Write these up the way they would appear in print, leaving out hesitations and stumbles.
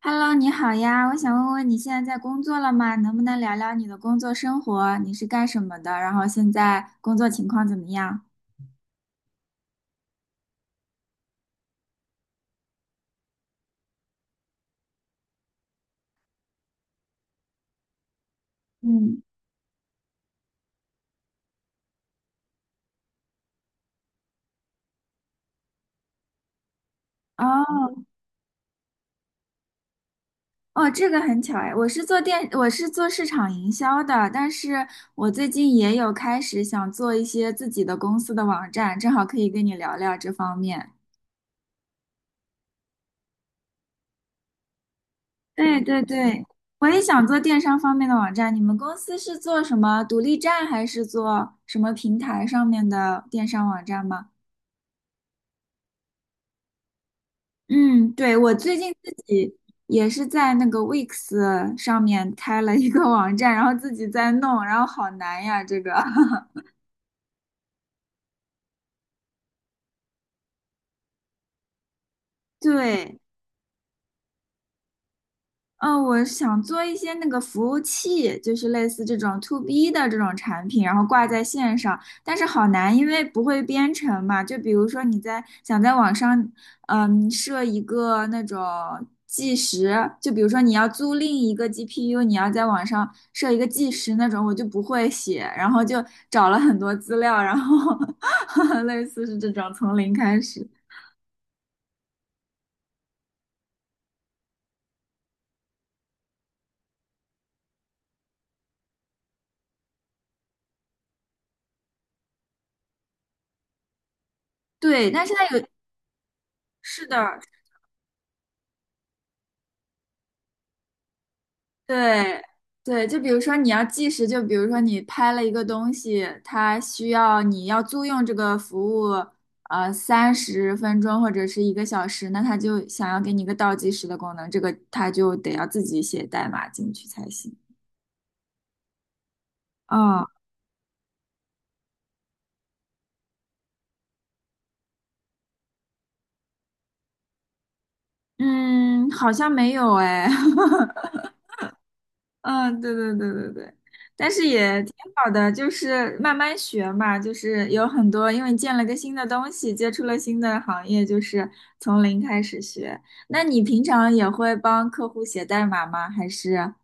Hello，你好呀，我想问问你现在在工作了吗？能不能聊聊你的工作生活？你是干什么的？然后现在工作情况怎么样？嗯，哦哦，这个很巧哎，我是做市场营销的，但是我最近也有开始想做一些自己的公司的网站，正好可以跟你聊聊这方面。对对对，我也想做电商方面的网站。你们公司是做什么独立站，还是做什么平台上面的电商网站吗？嗯，对，我最近自己也是在那个 Wix 上面开了一个网站，然后自己在弄，然后好难呀，这个。对，嗯，我想做一些那个服务器，就是类似这种 to B 的这种产品，然后挂在线上，但是好难，因为不会编程嘛。就比如说你在想在网上，设一个那种计时，就比如说你要租赁一个 GPU，你要在网上设一个计时那种，我就不会写，然后就找了很多资料，然后 类似是这种从零开始。对，但是它有，是的，对对，就比如说你要计时，就比如说你拍了一个东西，它需要你要租用这个服务，三十分钟或者是一个小时，那它就想要给你一个倒计时的功能，这个它就得要自己写代码进去才行。哦，嗯，好像没有哎，嗯，对对对对对，但是也挺好的，就是慢慢学嘛，就是有很多，因为见了个新的东西，接触了新的行业，就是从零开始学。那你平常也会帮客户写代码吗？还是？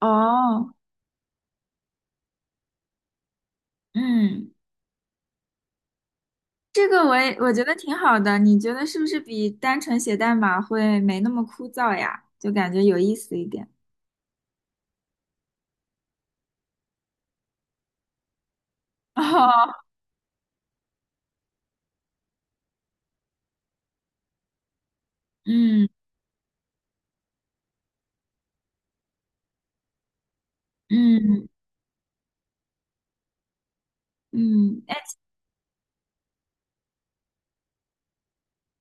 哦，嗯，这个我觉得挺好的，你觉得是不是比单纯写代码会没那么枯燥呀？就感觉有意思一点。哦，嗯嗯嗯，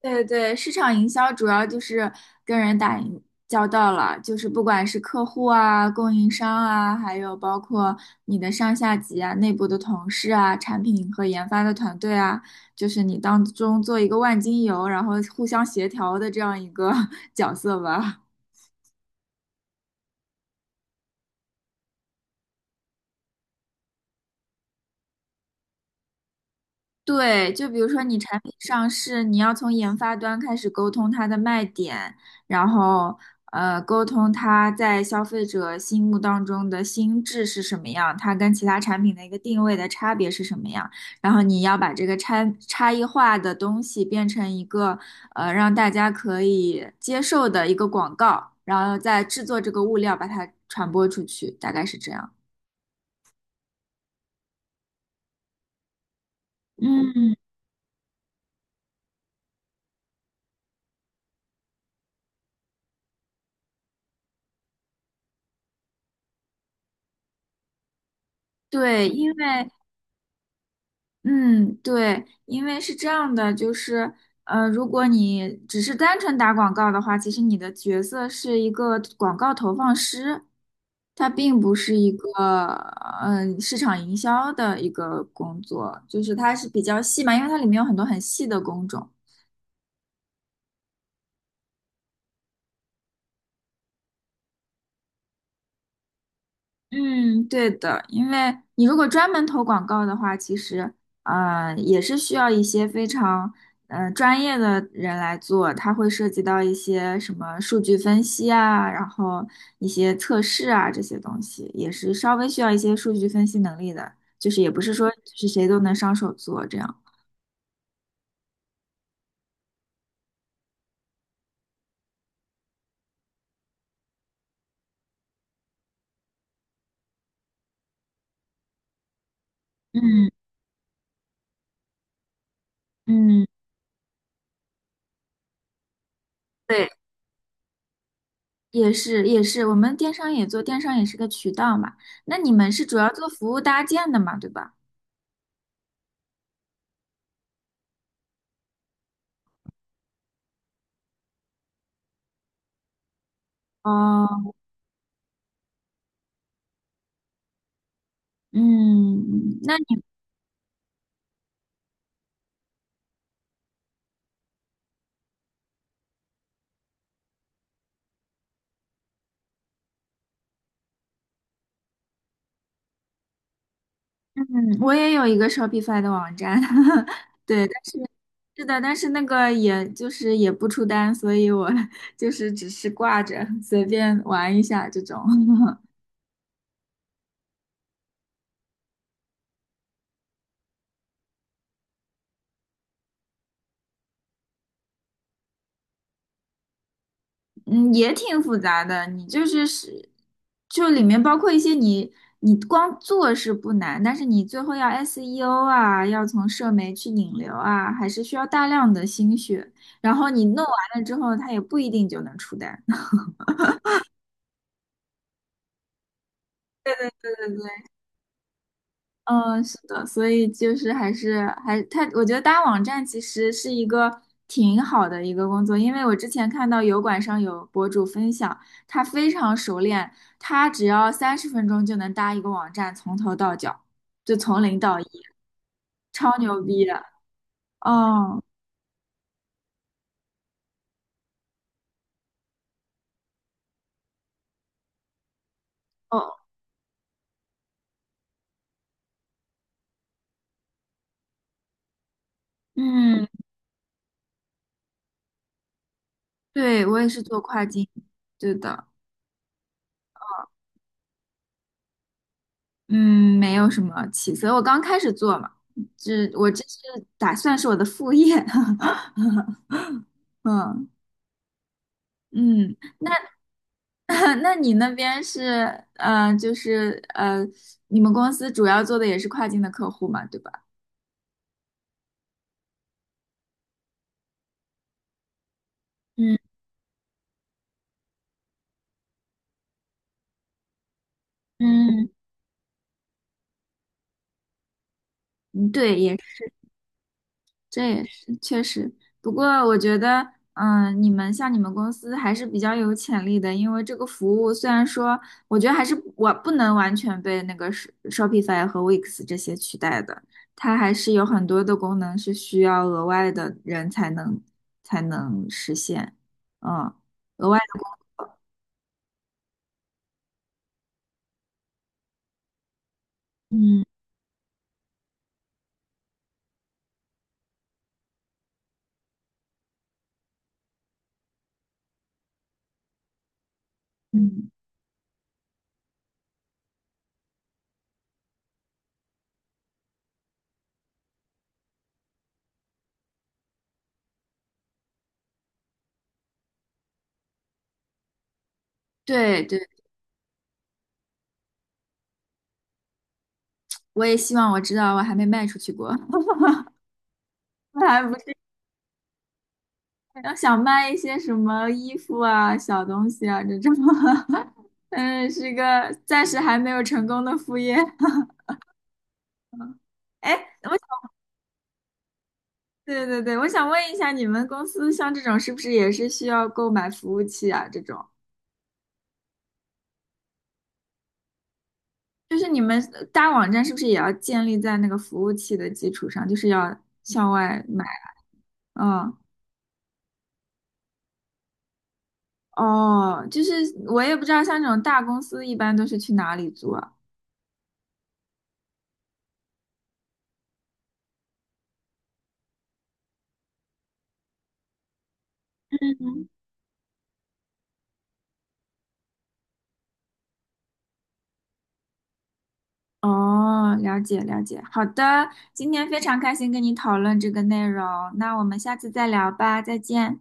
对对，市场营销主要就是跟人打营交道了，就是不管是客户啊、供应商啊，还有包括你的上下级啊、内部的同事啊、产品和研发的团队啊，就是你当中做一个万金油，然后互相协调的这样一个 角色吧。对，就比如说你产品上市，你要从研发端开始沟通它的卖点，然后沟通它在消费者心目当中的心智是什么样，它跟其他产品的一个定位的差别是什么样，然后你要把这个差异化的东西变成一个让大家可以接受的一个广告，然后再制作这个物料把它传播出去，大概是这样。嗯，对，因为嗯，对，因为是这样的，就是，如果你只是单纯打广告的话，其实你的角色是一个广告投放师，它并不是一个，市场营销的一个工作，就是它是比较细嘛，因为它里面有很多很细的工种。嗯，对的，因为你如果专门投广告的话，其实也是需要一些非常专业的人来做，它会涉及到一些什么数据分析啊，然后一些测试啊这些东西，也是稍微需要一些数据分析能力的，就是也不是说是谁都能上手做这样。嗯嗯，对，也是也是，我们电商也做，电商也是个渠道嘛。那你们是主要做服务搭建的嘛，对吧？哦，嗯，那你嗯，我也有一个 Shopify 的网站，对，但是那个也就是也不出单，所以我 就是只是挂着随便玩一下这种，嗯，也挺复杂的。你就是，就里面包括一些你光做是不难，但是你最后要 SEO 啊，要从社媒去引流啊，还是需要大量的心血。然后你弄完了之后，它也不一定就能出单。对对对对对。嗯，是的，所以就是还是我觉得搭网站其实是一个挺好的一个工作，因为我之前看到油管上有博主分享，他非常熟练，他只要三十分钟就能搭一个网站，从头到脚，就从零到一，超牛逼的。哦哦，嗯，对，我也是做跨境，对的，嗯，没有什么起色，我刚开始做嘛，这是打算是我的副业，嗯嗯。那你那边是，就是你们公司主要做的也是跨境的客户嘛，对吧？嗯嗯嗯对，这也是确实。不过我觉得，你们像你们公司还是比较有潜力的，因为这个服务虽然说，我觉得还是我不能完全被那个 Shopify 和 Wix 这些取代的，它还是有很多的功能是需要额外的人才能实现，嗯。额外。的，嗯。嗯，对对，我也希望我知道，我还没卖出去过，我还不是要想卖一些什么衣服啊、小东西啊这种，嗯，是个暂时还没有成功的副业。哎，我想，对对对，我想问一下，你们公司像这种是不是也是需要购买服务器啊？这种就是你们大网站是不是也要建立在那个服务器的基础上，就是要向外买？嗯，哦，就是我也不知道，像这种大公司一般都是去哪里租啊？嗯，哦，了解了解，好的，今天非常开心跟你讨论这个内容，那我们下次再聊吧，再见。